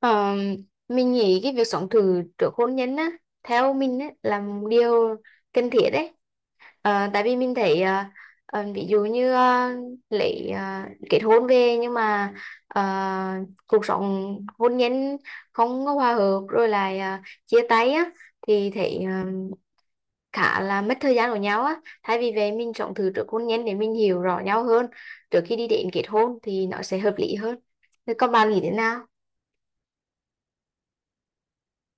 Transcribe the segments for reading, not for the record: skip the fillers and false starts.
Ờ, mình nghĩ cái việc sống thử trước hôn nhân á theo mình á là một điều cần thiết đấy. Tại vì mình thấy ví dụ như lấy kết hôn về, nhưng mà ờ, cuộc sống hôn nhân không có hòa hợp, rồi lại chia tay á thì thấy khá là mất thời gian của nhau á, thay vì vậy mình sống thử trước hôn nhân để mình hiểu rõ nhau hơn trước khi đi đến kết hôn thì nó sẽ hợp lý hơn. Thế còn bạn nghĩ thế nào?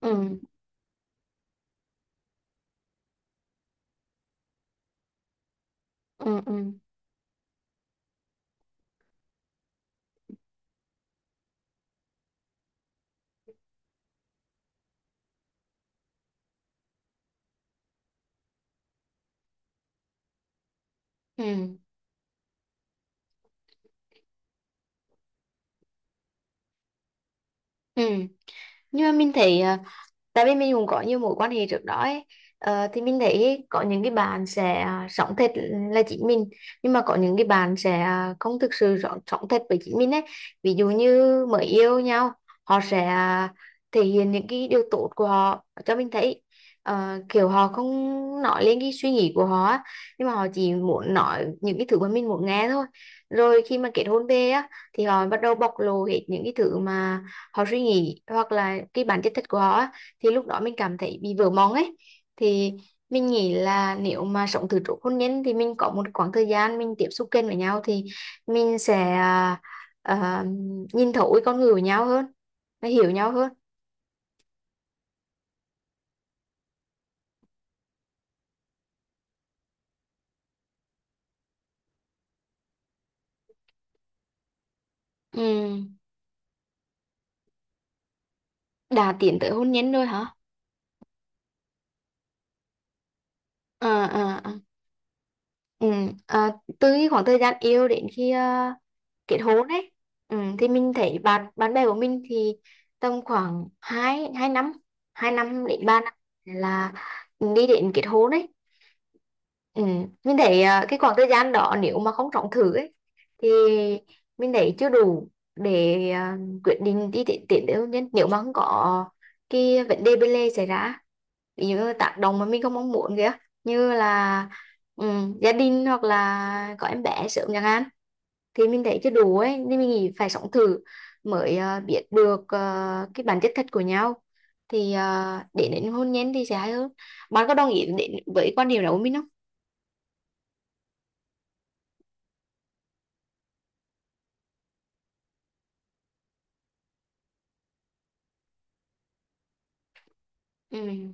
Ừ, ừ, ừ, ừ, ừ. Nhưng mà mình thấy, tại vì mình cũng có nhiều mối quan hệ trước đó ấy. Thì mình thấy có những cái bạn sẽ sống thật là chính mình, nhưng mà có những cái bạn sẽ không thực sự sống thật với chính mình ấy, ví dụ như mới yêu nhau họ sẽ thể hiện những cái điều tốt của họ cho mình thấy. Kiểu họ không nói lên cái suy nghĩ của họ á, nhưng mà họ chỉ muốn nói những cái thứ mà mình muốn nghe thôi, rồi khi mà kết hôn về á thì họ bắt đầu bộc lộ hết những cái thứ mà họ suy nghĩ hoặc là cái bản chất thật của họ á, thì lúc đó mình cảm thấy bị vỡ mộng ấy. Thì mình nghĩ là nếu mà sống từ trước hôn nhân thì mình có một khoảng thời gian mình tiếp xúc kênh với nhau thì mình sẽ à, nhìn thấu cái con người của nhau hơn và hiểu nhau hơn. Ừ. Đã tiến tới hôn nhân rồi hả? ờ ờ, à. Ừ. À, từ cái khoảng thời gian yêu đến khi kết hôn đấy. Ừ, thì mình thấy bạn bạn bè của mình thì tầm khoảng hai hai năm 2 năm đến 3 năm là đi đến kết hôn đấy. Ừ. Mình thấy, cái khoảng thời gian đó nếu mà không trọng thử ấy thì mình thấy chưa đủ để quyết định đi tiến tiến tới hôn nhân nếu mà không có cái vấn đề bên lề xảy ra, ví dụ như tác động mà mình không mong muốn kìa, như là ừ, gia đình hoặc là có em bé sớm chẳng hạn, thì mình thấy chưa đủ ấy nên mình nghĩ phải sống thử mới biết được cái bản chất thật của nhau, thì để đến hôn nhân thì sẽ hay hơn. Bạn có đồng ý đến với quan điểm đó của mình không? Ừ,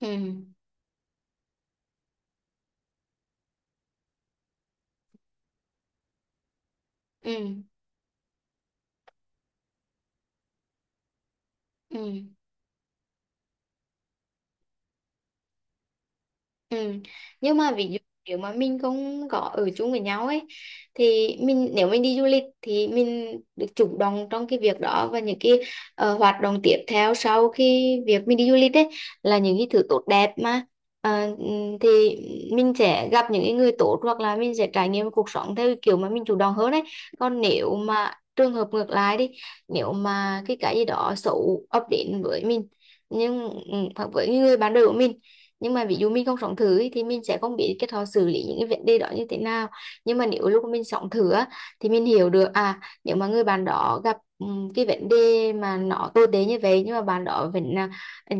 ừ, ừ, ừ. Ừ. Nhưng mà ví dụ nếu mà mình không có ở chung với nhau ấy, thì mình nếu mình đi du lịch thì mình được chủ động trong cái việc đó, và những cái hoạt động tiếp theo sau khi việc mình đi du lịch ấy là những cái thứ tốt đẹp mà. Thì mình sẽ gặp những cái người tốt hoặc là mình sẽ trải nghiệm cuộc sống theo cái kiểu mà mình chủ động hơn ấy. Còn nếu mà trường hợp ngược lại đi, nếu mà cái gì đó xấu ập đến với mình, nhưng hoặc với người bạn đời của mình, nhưng mà ví dụ mình không sống thử ấy, thì mình sẽ không biết cái họ xử lý những cái vấn đề đó như thế nào. Nhưng mà nếu lúc mình sống thử á, thì mình hiểu được à nếu mà người bạn đó gặp cái vấn đề mà nó tồi tệ như vậy, nhưng mà bạn đó vẫn là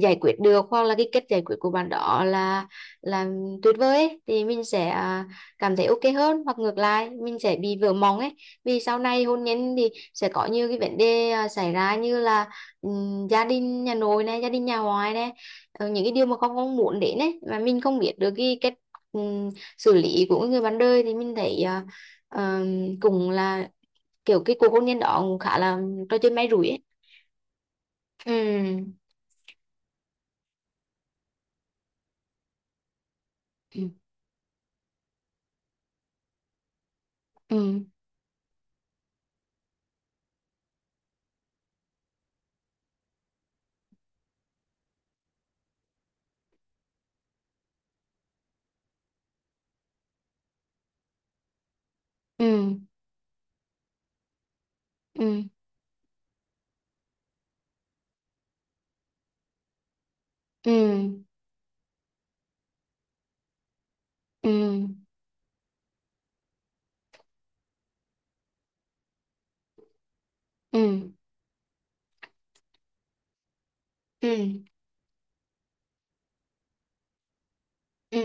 giải quyết được, hoặc là cái cách giải quyết của bạn đó là là tuyệt vời ấy, thì mình sẽ cảm thấy ok hơn hoặc ngược lại mình sẽ bị vỡ mộng ấy. Vì sau này hôn nhân thì sẽ có nhiều cái vấn đề xảy ra, như là gia đình nhà nội này, gia đình nhà ngoại này, những cái điều mà con không muốn đến ấy, mà mình không biết được cái cách ừm, xử lý của người bạn đời thì mình thấy cũng là kiểu cái cuộc hôn nhân đó cũng khá là trò chơi may rủi ấy. Ừ, ừ, ừ, ừ, ừ, ừ, ừ, ừ, ừ, ừ.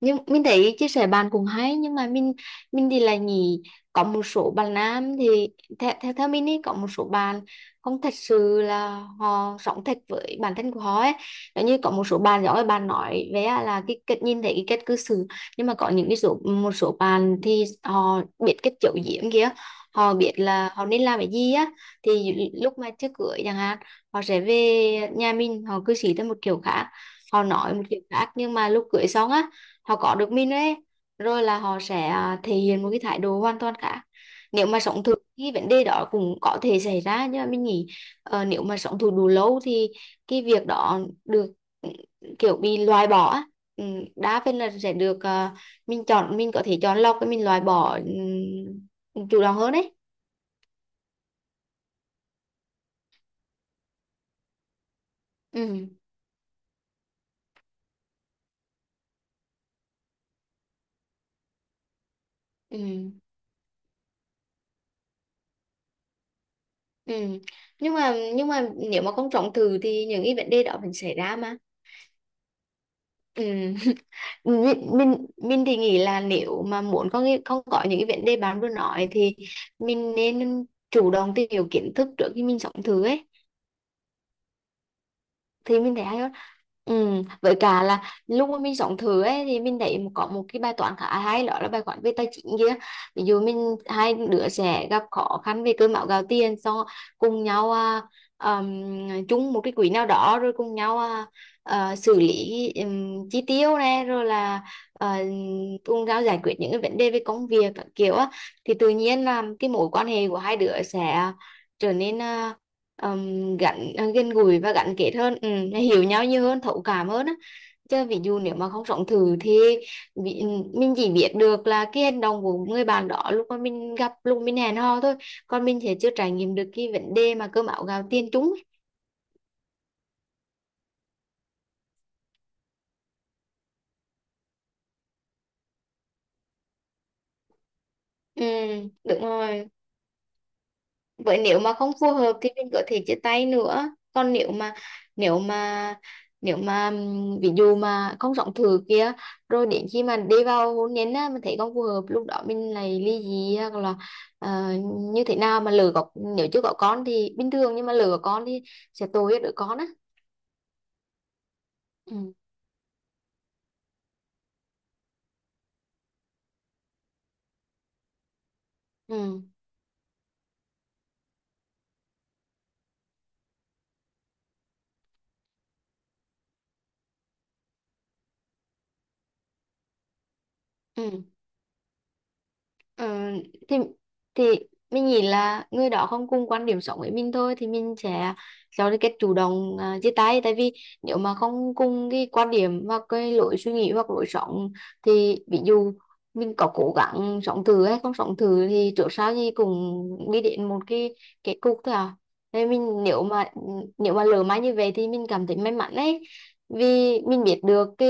Nhưng mình thấy chia sẻ bạn cũng hay, nhưng mà mình thì là nghĩ có một số bạn nam thì theo theo, theo mình ý, có một số bạn không thật sự là họ sống thật với bản thân của họ ấy, giống như có một số bạn giỏi bạn nói về á là cái cách nhìn thấy cái cách cư xử, nhưng mà có những cái số một số bạn thì họ biết cách giấu giếm kia, họ biết là họ nên làm cái gì á. Thì lúc mà trước cưới chẳng hạn họ sẽ về nhà mình, họ cư xử theo một kiểu khác, họ nói một kiểu khác, nhưng mà lúc cưới xong á họ có được mình ấy, rồi là họ sẽ thể hiện một cái thái độ hoàn toàn khác. Nếu mà sống thử cái vấn đề đó cũng có thể xảy ra, nhưng mà mình nghĩ nếu mà sống thử đủ lâu thì cái việc đó được, ừ, kiểu bị loại bỏ á. Ừ, đa phần là sẽ được, mình chọn, mình có thể chọn lọc và mình loại bỏ ừ, chủ động hơn đấy. Ừ, ừ, ừ. Nhưng mà nếu mà không sống thử thì những cái vấn đề đó vẫn xảy ra mà. Ừ. Mình thì nghĩ là nếu mà muốn có không có những cái vấn đề bạn vừa nói thì mình nên chủ động tìm hiểu kiến thức trước khi mình sống thử ấy, thì mình thấy hay hơn. ừ, với cả là lúc mà mình sống thử ấy thì mình thấy có một cái bài toán khá hay, đó là bài toán về tài chính kia. Ví dụ mình hai đứa sẽ gặp khó khăn về cơm áo gạo tiền, xong cùng nhau chung một cái quỹ nào đó, rồi cùng nhau xử lý chi tiêu này, rồi là à, cùng nhau giải quyết những cái vấn đề về công việc các kiểu á, thì tự nhiên là cái mối quan hệ của hai đứa sẽ trở nên gần gũi và gắn kết hơn, nó hiểu nhau nhiều hơn, thấu cảm hơn á. Chứ ví dụ nếu mà không sống thử thì bị, mình chỉ biết được là cái hành động của người bạn đó lúc mà mình gặp, lúc mình hẹn hò thôi, còn mình sẽ chưa trải nghiệm được cái vấn đề mà cơm áo gạo tiền chúng ấy. Ừ, đúng rồi. Vậy nếu mà không phù hợp thì mình có thể chia tay nữa. Còn nếu mà nếu mà ví dụ mà không sống thử kia, rồi đến khi mà đi vào hôn nhân á mình thấy không phù hợp, lúc đó mình lại ly dị hoặc là ờ, như thế nào mà lỡ có, nếu chưa có con thì bình thường nhưng mà lỡ có con thì sẽ tội cho đứa con á. Ừ. Ừ. Ừ. Ờ, thì thì mình nghĩ là người đó không cùng quan điểm sống với mình thôi, thì mình sẽ cho cái cách chủ động chia tay, tại vì nếu mà không cùng cái quan điểm hoặc cái lối suy nghĩ hoặc lối sống, thì ví dụ mình có cố gắng sống thử hay không sống thử thì trước sau gì cũng đi đến một cái kết cục thôi à, nên mình nếu mà lỡ may như vậy thì mình cảm thấy may mắn đấy, vì mình biết được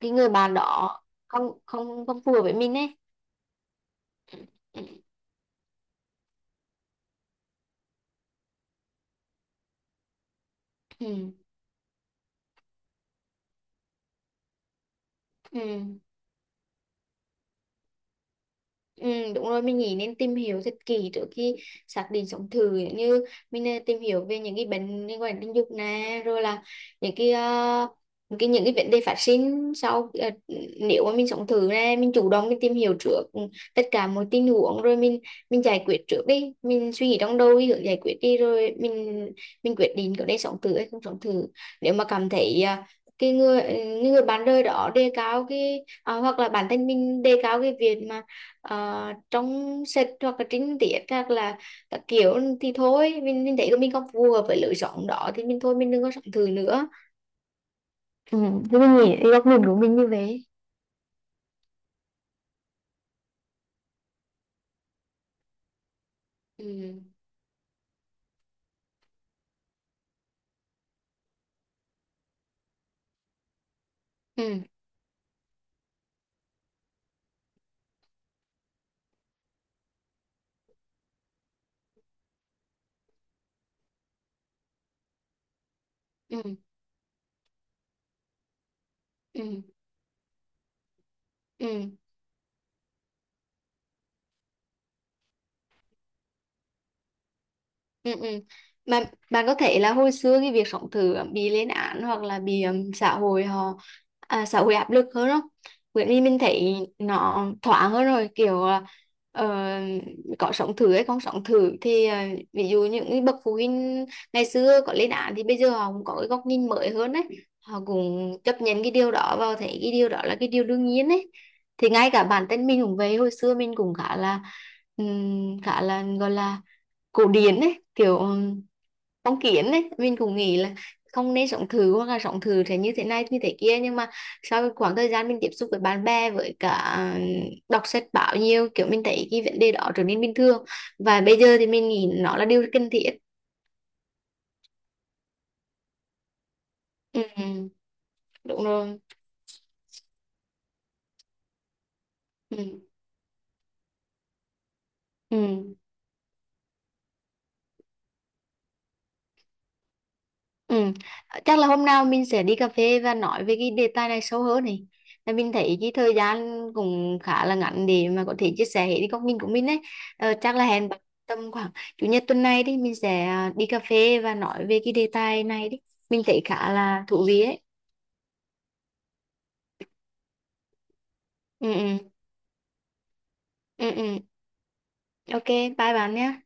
cái người bạn đó không không không phù hợp với mình đấy. Ừ, ừ. Ừ, đúng rồi, mình nghĩ nên tìm hiểu thật kỹ trước khi xác định sống thử, giống như mình tìm hiểu về những cái bệnh liên quan đến tình dục nè, rồi là những cái những cái vấn đề phát sinh sau, nếu mà mình sống thử nè mình chủ động mình tìm hiểu trước tất cả mọi tình huống, rồi mình giải quyết trước đi, mình suy nghĩ trong đầu cái hướng giải quyết đi rồi mình quyết định có nên sống thử hay không sống thử. Nếu mà cảm thấy cái người bạn đời đó đề cao cái, hoặc là bản thân mình đề cao cái việc mà ờ, trong sách hoặc là trinh tiết hoặc là các kiểu, thì thôi mình thấy tụi mình không phù hợp với lối sống đó thì mình thôi, mình đừng có sống thử nữa. Ừ, thì mình nghĩ góc nhìn của mình như vậy. Ừ, ừ, ừ, ừ, ừ. Ừ, ừ. Mà bạn có thể là hồi xưa cái việc sống thử bị lên án hoặc là bị xã hội áp lực hơn đó, bởi vì mình thấy nó thoáng hơn rồi, kiểu là ờ, có sống thử hay không sống thử thì ví dụ những cái bậc phụ huynh ngày xưa có lên án thì bây giờ họ cũng có cái góc nhìn mới hơn đấy, họ cũng chấp nhận cái điều đó và thấy cái điều đó là cái điều đương nhiên đấy. Thì ngay cả bản thân mình cũng vậy, hồi xưa mình cũng khá là gọi là cổ điển ấy, kiểu phong kiến ấy, mình cũng nghĩ là không nên sống thử hoặc là sống thử thế như thế này như thế kia, nhưng mà sau cái khoảng thời gian mình tiếp xúc với bạn bè với cả ừ, đọc sách báo nhiều kiểu, mình thấy cái vấn đề đó trở nên bình thường, và bây giờ thì mình nghĩ nó là điều cần thiết. Ừ, ừ, đúng rồi. Ừ, ừ. Ừ. Chắc là hôm nào mình sẽ đi cà phê và nói về cái đề tài này sâu hơn này. Mình thấy cái thời gian cũng khá là ngắn để mà có thể chia sẻ hết cái góc nhìn của mình ấy. Chắc là hẹn bạn tầm khoảng chủ nhật tuần này đi, mình sẽ đi cà phê và nói về cái đề tài này đi. Mình thấy khá là thú vị ấy. Ừ ừ. Ừ ừ. Ok, bye bạn nhé.